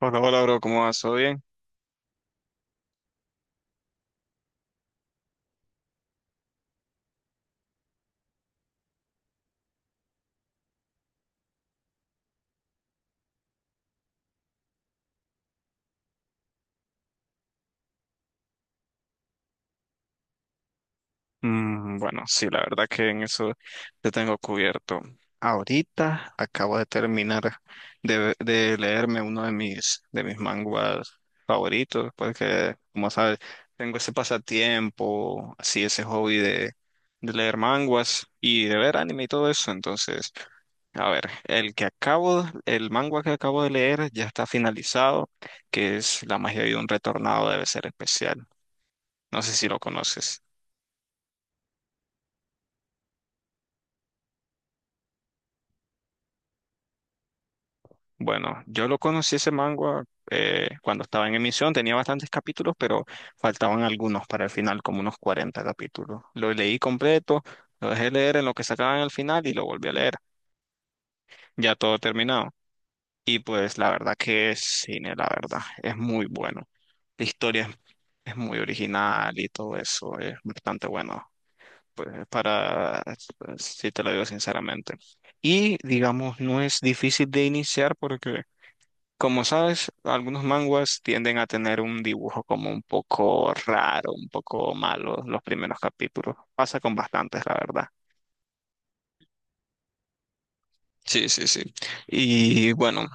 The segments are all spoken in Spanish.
Hola, hola, bro, ¿cómo vas? ¿Todo bien? Bueno, sí, la verdad que en eso te tengo cubierto. Ahorita acabo de terminar de leerme uno de mis manguas favoritos, porque, como sabes, tengo ese pasatiempo, así, ese hobby de leer manguas y de ver anime y todo eso. Entonces, a ver, el manga que acabo de leer ya está finalizado, que es La magia de un retornado debe ser especial. No sé si lo conoces. Bueno, yo lo conocí ese manga cuando estaba en emisión, tenía bastantes capítulos, pero faltaban algunos para el final, como unos 40 capítulos. Lo leí completo, lo dejé leer en lo que sacaban al final y lo volví a leer, ya todo terminado. Y pues la verdad que es cine, la verdad, es muy bueno. La historia es muy original y todo eso, es bastante bueno. Pues para, si te lo digo sinceramente. Y digamos, no es difícil de iniciar porque como sabes, algunos manguas tienden a tener un dibujo como un poco raro, un poco malo los primeros capítulos. Pasa con bastantes, la verdad. Sí, sí, sí. Y bueno,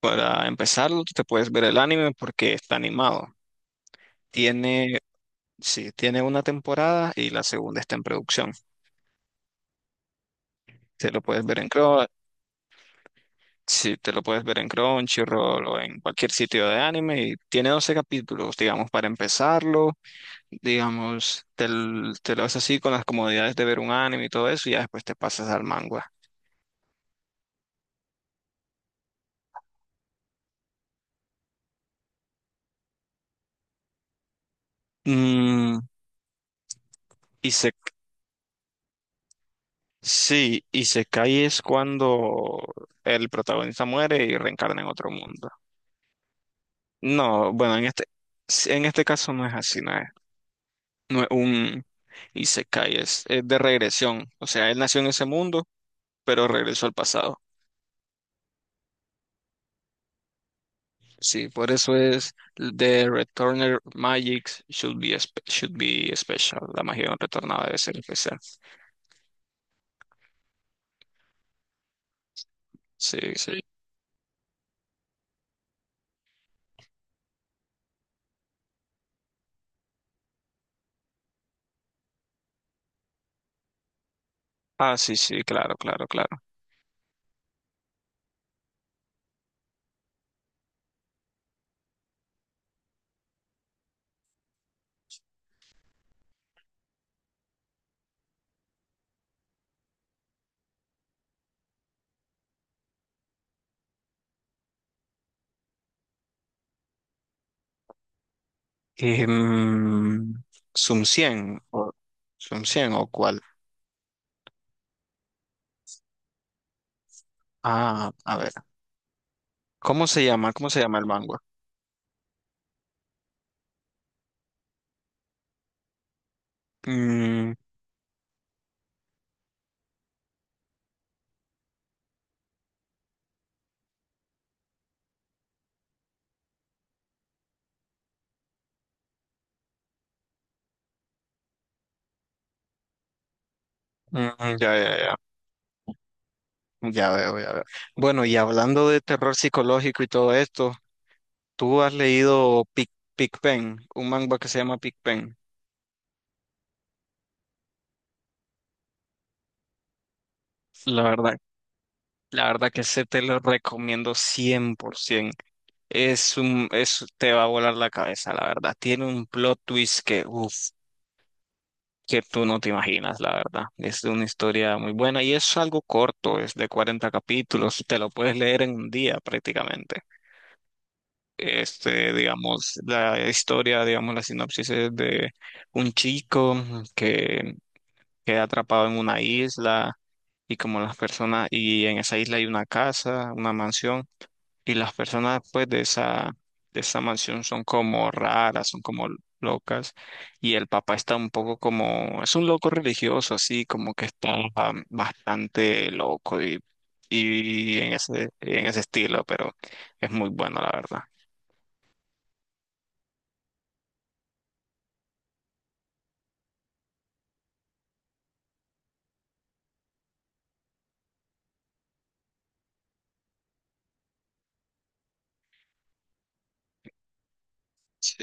para empezarlo, tú te puedes ver el anime porque está animado. Tiene, sí, tiene una temporada y la segunda está en producción. Te lo puedes ver en Crunchy, sí, te lo puedes ver en Crunchyroll o en cualquier sitio de anime y tiene 12 capítulos, digamos, para empezarlo. Digamos, te lo haces así con las comodidades de ver un anime y todo eso, y ya después te pasas al manga. Mm, y se, sí, y se cae es cuando el protagonista muere y reencarna en otro mundo. No, bueno, sí, en este caso no es así, no es un Isekai, es de regresión. O sea, él nació en ese mundo, pero regresó al pasado. Sí, por eso es The Returner Magic should be special. La magia de un retornado debe ser especial. Sí, sí. Ah, sí, sí, claro, claro, claro. Em, Sum 100 o Sum 100 o cuál. Ah, a ver. ¿Cómo se llama? ¿Cómo se llama el manga? Mm, mm, mm, ya, ya, ya. Ya veo, ya veo. Bueno, y hablando de terror psicológico y todo esto, ¿tú has leído Pen, un manga que se llama Pic Pen? La verdad La verdad que ese te lo recomiendo 100%. Te va a volar la cabeza, la verdad. Tiene un plot twist que, uff, que tú no te imaginas, la verdad. Es una historia muy buena y es algo corto, es de 40 capítulos. Te lo puedes leer en un día prácticamente. Este, digamos, la sinopsis es de un chico que queda atrapado en una isla y como las personas, y en esa isla hay una casa, una mansión. Y las personas pues de esa mansión son como raras, son como locas. Y el papá está un poco como, es un loco religioso, así como que está ah, bastante loco y en en ese estilo, pero es muy bueno, la verdad. Sí.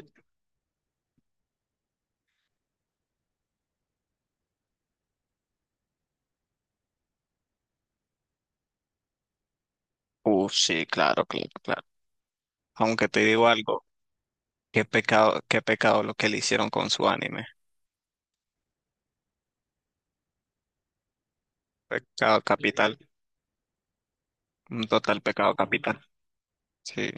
Sí, claro, claro, claro. Aunque te digo algo, qué pecado lo que le hicieron con su anime. Pecado capital, un total pecado capital. Sí,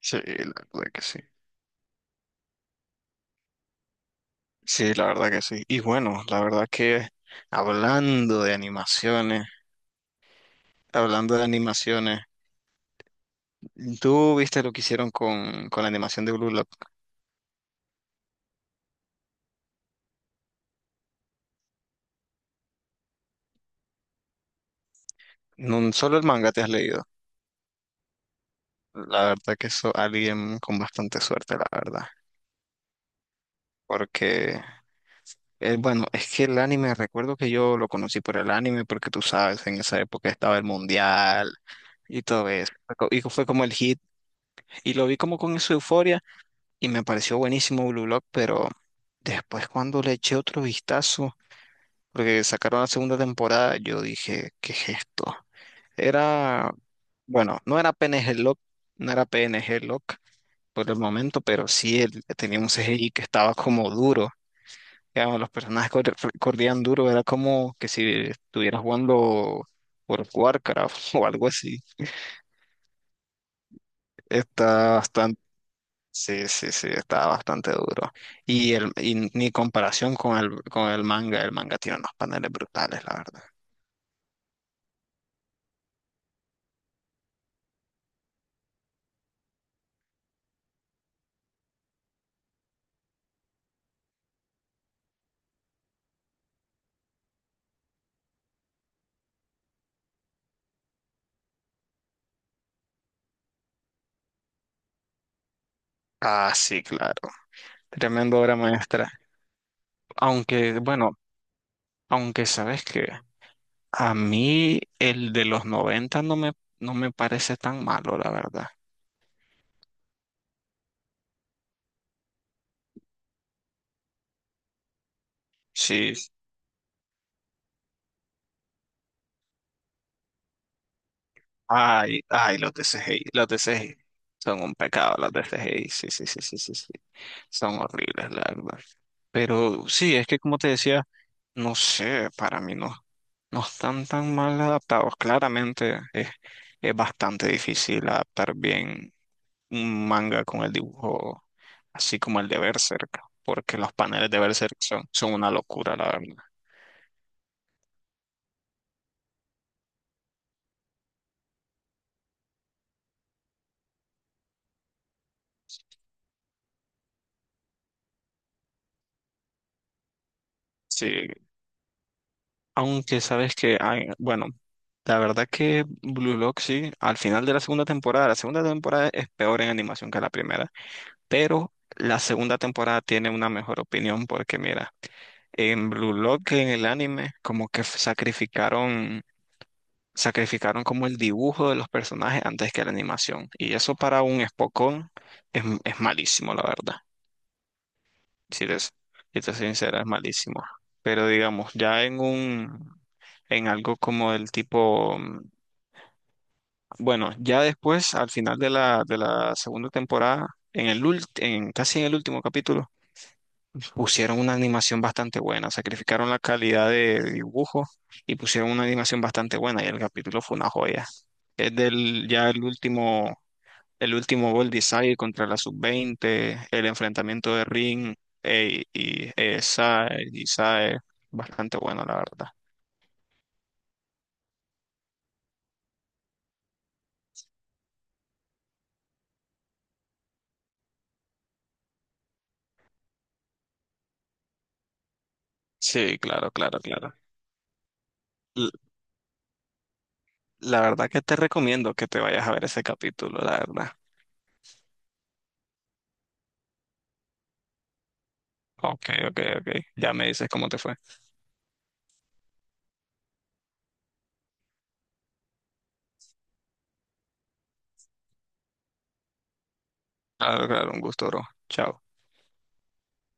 sí, la verdad que sí. Sí, la verdad que sí. Y bueno, la verdad que hablando de animaciones, hablando de animaciones, tú viste lo que hicieron con la animación de Blue Lock. No solo el manga te has leído. La verdad que eso alguien con bastante suerte, la verdad. Porque, bueno, es que el anime, recuerdo que yo lo conocí por el anime, porque tú sabes, en esa época estaba el mundial y todo eso. Y fue como el hit. Y lo vi como con esa euforia y me pareció buenísimo Blue Lock, pero después cuando le eché otro vistazo, porque sacaron la segunda temporada, yo dije, ¿qué es esto? Era, bueno, no era P N G Lock, no era P N G Lock por el momento, pero sí tenía un CGI que estaba como duro. Digamos, los personajes corrían duro, era como que si estuviera jugando por Warcraft o algo así. Está Sí, sí, sí, está bastante duro. Y ni comparación con con el manga tiene unos paneles brutales, la verdad. Ah, sí, claro. Tremendo obra maestra. Bueno, aunque sabes que a mí el de los 90 no me parece tan malo, la verdad. Sí. Ay, ay, los de CGI, los de CGI. Son un pecado los de CGI, sí, sí, sí, sí, sí, sí. Son horribles, la verdad. Pero sí, es que como te decía, no sé, para mí no, no están tan mal adaptados. Claramente es bastante difícil adaptar bien un manga con el dibujo, así como el de Berserk, porque los paneles de Berserk son una locura, la verdad. Sí, aunque sabes que, hay, bueno, la verdad que Blue Lock sí, al final de la segunda temporada es peor en animación que la primera, pero la segunda temporada tiene una mejor opinión porque mira, en Blue Lock, en el anime, como que sacrificaron como el dibujo de los personajes antes que la animación. Y eso para un espocón es malísimo, la verdad. Si te soy sincera, es malísimo. Pero digamos, ya en algo como el tipo, mm, bueno, ya después, al final de la segunda temporada, en el ult- en, casi en el último capítulo, pusieron una animación bastante buena, sacrificaron la calidad de dibujo y pusieron una animación bastante buena y el capítulo fue una joya. Es del ya el último Bold Desire contra la Sub-20, el enfrentamiento de Ring y Sae, bastante bueno la verdad. Sí, claro, claro, claro. L- La verdad que te recomiendo que te vayas a ver ese capítulo, la verdad. Ok, ok, ok. Ya me dices cómo te fue. Claro, claro, un gusto, bro. Chao.